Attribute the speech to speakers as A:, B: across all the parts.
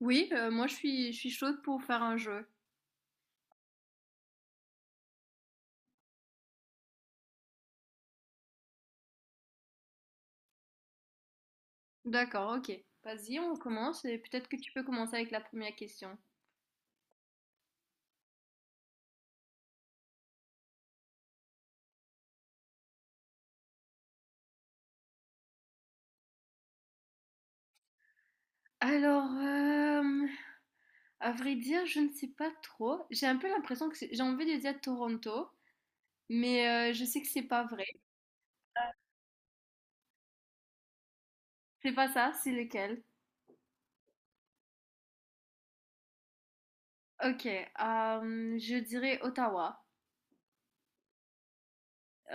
A: Oui, moi je suis chaude pour faire un jeu. D'accord, OK. Vas-y, on commence et peut-être que tu peux commencer avec la première question. Alors, à vrai dire, je ne sais pas trop. J'ai un peu l'impression que c'est j'ai envie de dire Toronto, mais, je sais que c'est pas vrai. C'est pas ça, c'est lequel? OK, je dirais Ottawa.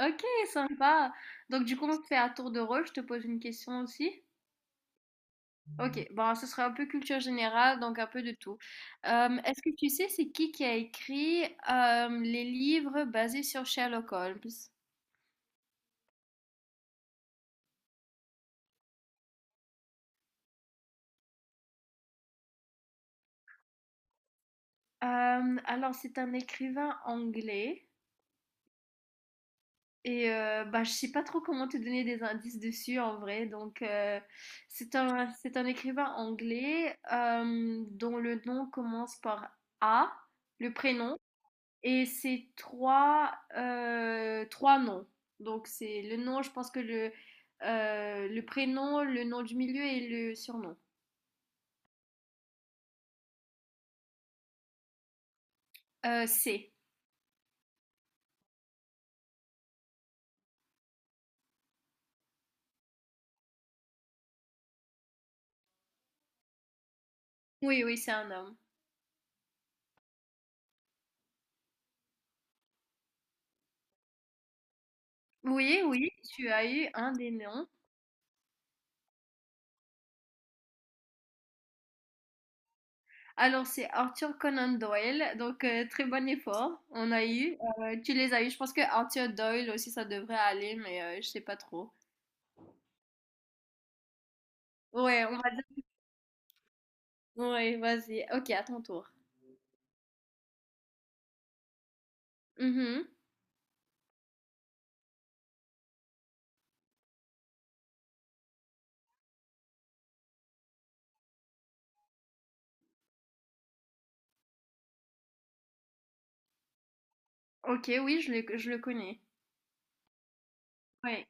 A: OK, sympa. Donc du coup, on fait à tour de rôle, je te pose une question aussi? Ok, bon, ce sera un peu culture générale, donc un peu de tout. Est-ce que tu sais c'est qui a écrit les livres basés sur Sherlock Holmes? Alors, c'est un écrivain anglais et bah, je sais pas trop comment te donner des indices dessus en vrai. Donc, c'est un écrivain anglais dont le nom commence par A, le prénom. Et c'est trois, trois noms. Donc c'est le nom, je pense que le prénom, le nom du milieu et le surnom. C'est. Oui, oui, c'est un homme. Oui, oui, tu as eu un des noms. Alors c'est Arthur Conan Doyle, donc très bon effort. On a eu, tu les as eu. Je pense que Arthur Doyle aussi ça devrait aller, mais je sais pas trop. Ouais, on va dire. Ouais, vas-y. Ok, à ton tour. Mhm. Ok, oui, je le connais. Ouais.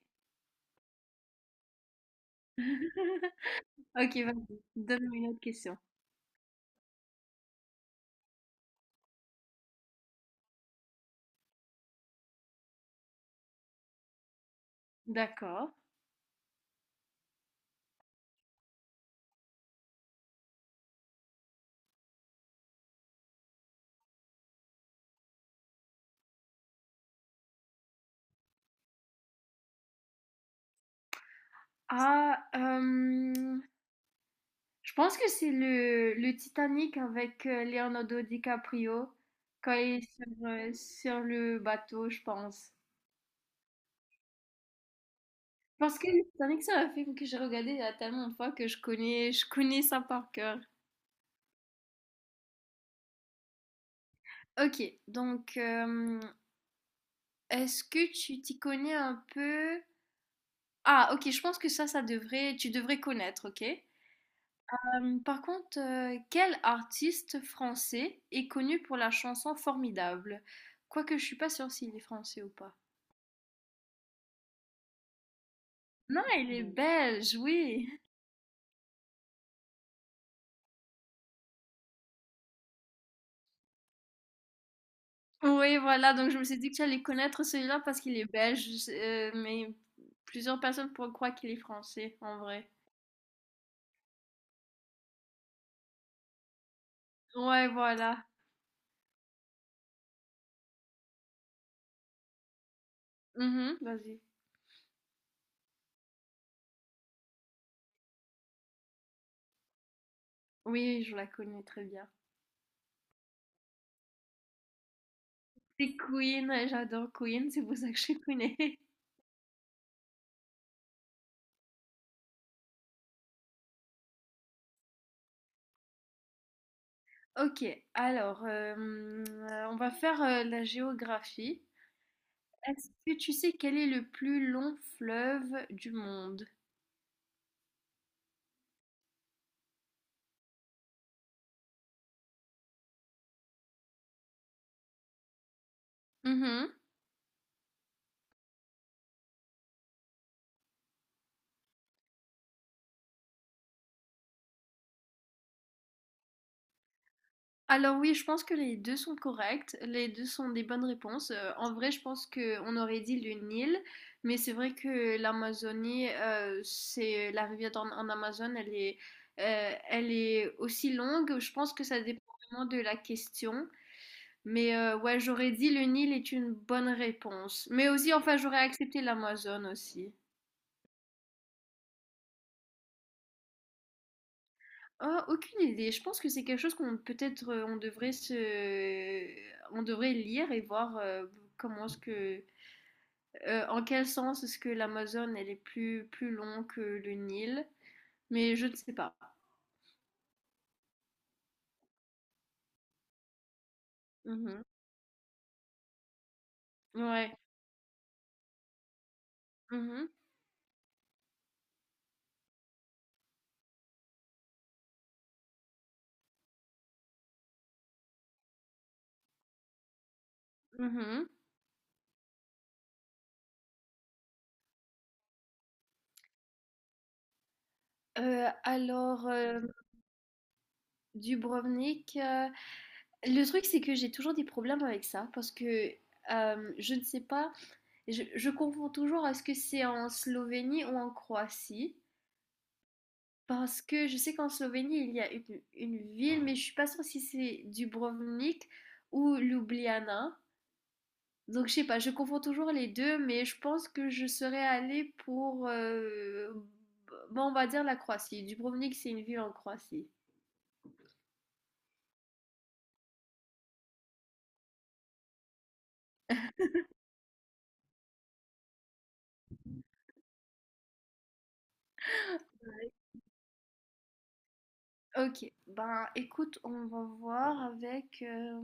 A: OK, vas-y, donne-moi une autre question. D'accord. Ah, je pense que c'est le Titanic avec Leonardo DiCaprio quand il est sur le bateau, je pense. Parce que le Titanic, c'est un film que j'ai regardé il y a tellement de fois que je connais ça par cœur. Ok, donc est-ce que tu t'y connais un peu? Ah, ok, je pense que ça devrait, tu devrais connaître, ok? Par contre, quel artiste français est connu pour la chanson Formidable? Quoique je suis pas sûre s'il est français ou pas. Non, il est belge, oui. Oui, voilà, donc je me suis dit que j'allais connaître celui-là parce qu'il est belge, mais plusieurs personnes pourraient croire qu'il est français, en vrai. Ouais, voilà. Mhm, vas-y. Oui, je la connais très bien. C'est Queen, et j'adore Queen, c'est pour ça que je connais. Ok, alors, on va faire la géographie. Est-ce que tu sais quel est le plus long fleuve du monde? Mhm. Alors oui, je pense que les deux sont corrects, les deux sont des bonnes réponses. En vrai, je pense qu'on aurait dit le Nil, mais c'est vrai que l'Amazonie, c'est la rivière en Amazone, elle est aussi longue. Je pense que ça dépend vraiment de la question, mais ouais, j'aurais dit le Nil est une bonne réponse. Mais aussi, enfin, j'aurais accepté l'Amazon aussi. Oh, aucune idée. Je pense que c'est quelque chose qu'on peut-être on devrait lire et voir, comment est-ce que, en quel sens est-ce que l'Amazone elle est plus long que le Nil, mais je ne sais pas. Mhm. Ouais. Mhm. Mhm. Alors, Dubrovnik, le truc c'est que j'ai toujours des problèmes avec ça parce que je ne sais pas, je confonds toujours est-ce que c'est en Slovénie ou en Croatie. Parce que je sais qu'en Slovénie, il y a une ville, mais je suis pas sûre si c'est Dubrovnik ou Ljubljana. Donc je sais pas, je confonds toujours les deux, mais je pense que je serais allée pour, bon, on va dire la Croatie. Dubrovnik, c'est une ville en Croatie. Ok, ben écoute, on va voir avec.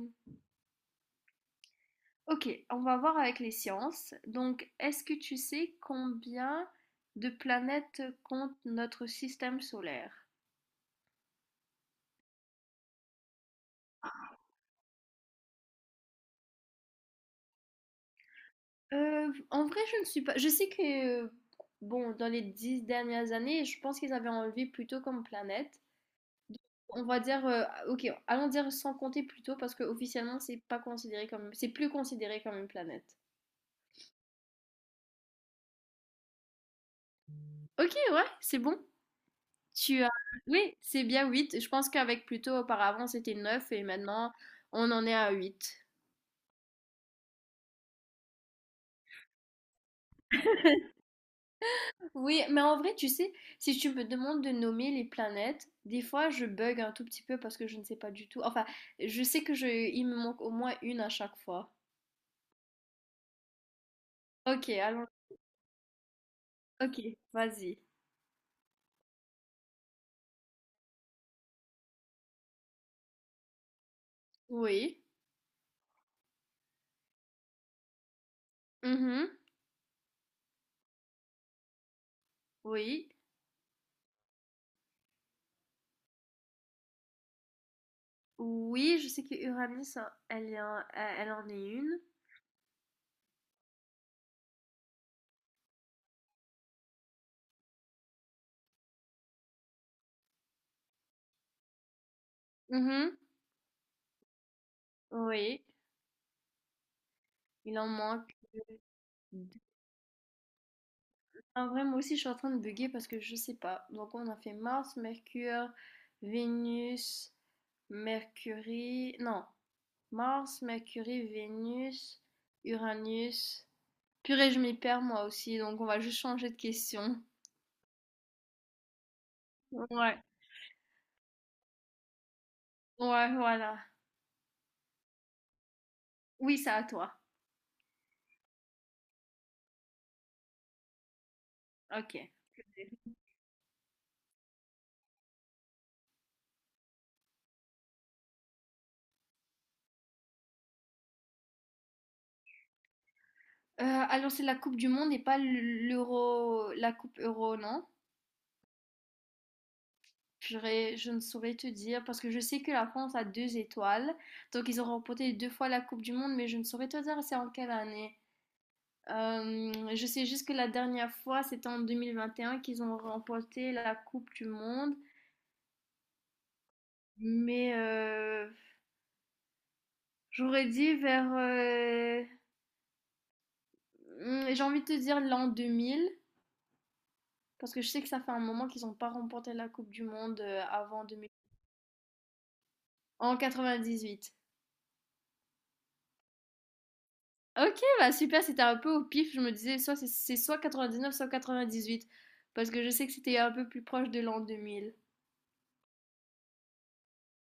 A: Ok, on va voir avec les sciences. Donc, est-ce que tu sais combien de planètes compte notre système solaire? En vrai, je ne suis pas. Je sais que, bon, dans les 10 dernières années, je pense qu'ils avaient enlevé plutôt comme planète. On va dire, ok, allons dire sans compter plutôt parce que officiellement, c'est pas considéré comme, c'est plus considéré comme une planète. Ok, ouais, c'est bon. Tu as, oui, c'est bien 8. Je pense qu'avec Pluto, auparavant, c'était 9 et maintenant, on en est à 8. Oui, mais en vrai, tu sais, si tu me demandes de nommer les planètes, des fois je bug un tout petit peu parce que je ne sais pas du tout. Enfin, je sais que il me manque au moins une à chaque fois. Ok, alors, ok, vas-y. Oui. Mhm. Oui. Oui, je sais que Uranus, elle est elle en est une. Mhm. Oui, il en manque deux. En vrai, moi aussi, je suis en train de bugger parce que je sais pas. Donc, on a fait Mars, Mercure, Vénus, Mercury. Non. Mars, Mercure, Vénus, Uranus. Purée, je m'y perds moi aussi, donc on va juste changer de question. Ouais, ouais, voilà. Oui, c'est à toi. Ok. Alors, c'est la Coupe du Monde et pas l'Euro, la Coupe Euro, non? Purée, je ne saurais te dire parce que je sais que la France a deux étoiles. Donc, ils ont remporté deux fois la Coupe du Monde, mais je ne saurais te dire c'est en quelle année. Je sais juste que la dernière fois, c'était en 2021 qu'ils ont remporté la Coupe du Monde. Mais j'aurais dit vers, mmh, j'ai envie de te dire l'an 2000 parce que je sais que ça fait un moment qu'ils ont pas remporté la coupe du monde, avant 2000. En 98. OK, bah, super, c'était un peu au pif. Je me disais soit c'est soit 99, soit huit parce que je sais que c'était un peu plus proche de l'an 2000.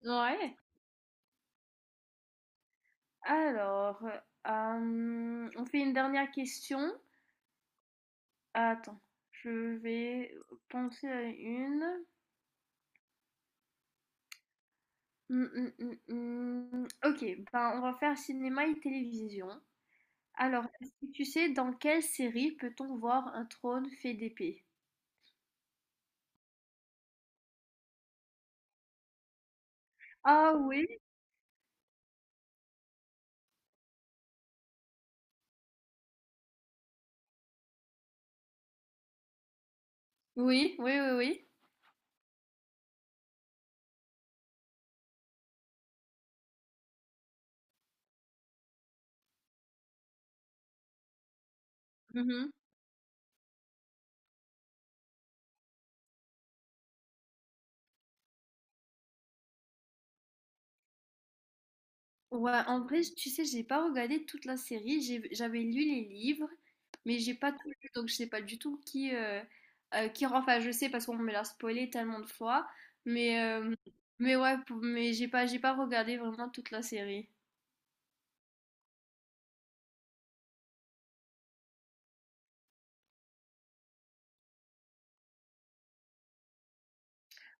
A: Ouais. Alors, on fait une dernière question. Attends, je vais penser à une. Mmh, mmh, mmh, mmh. OK, ben, on va faire cinéma et télévision. Alors, est-ce que tu sais dans quelle série peut-on voir un trône fait d'épée? Ah oui, oui, oui, oui, oui. Mhm. Ouais, en vrai, tu sais, j'ai pas regardé toute la série. J'avais lu les livres, mais j'ai pas tout lu, donc je sais pas du tout qui rend. Enfin, je sais parce qu'on me l'a spoilé tellement de fois, mais mais ouais, mais j'ai pas regardé vraiment toute la série.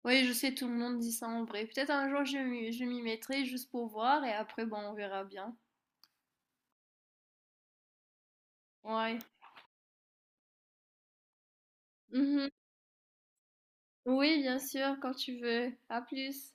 A: Oui, je sais, tout le monde dit ça en vrai. Peut-être un jour je m'y mettrai juste pour voir et après, bon, on verra bien. Ouais. Mhm. Oui, bien sûr, quand tu veux. À plus.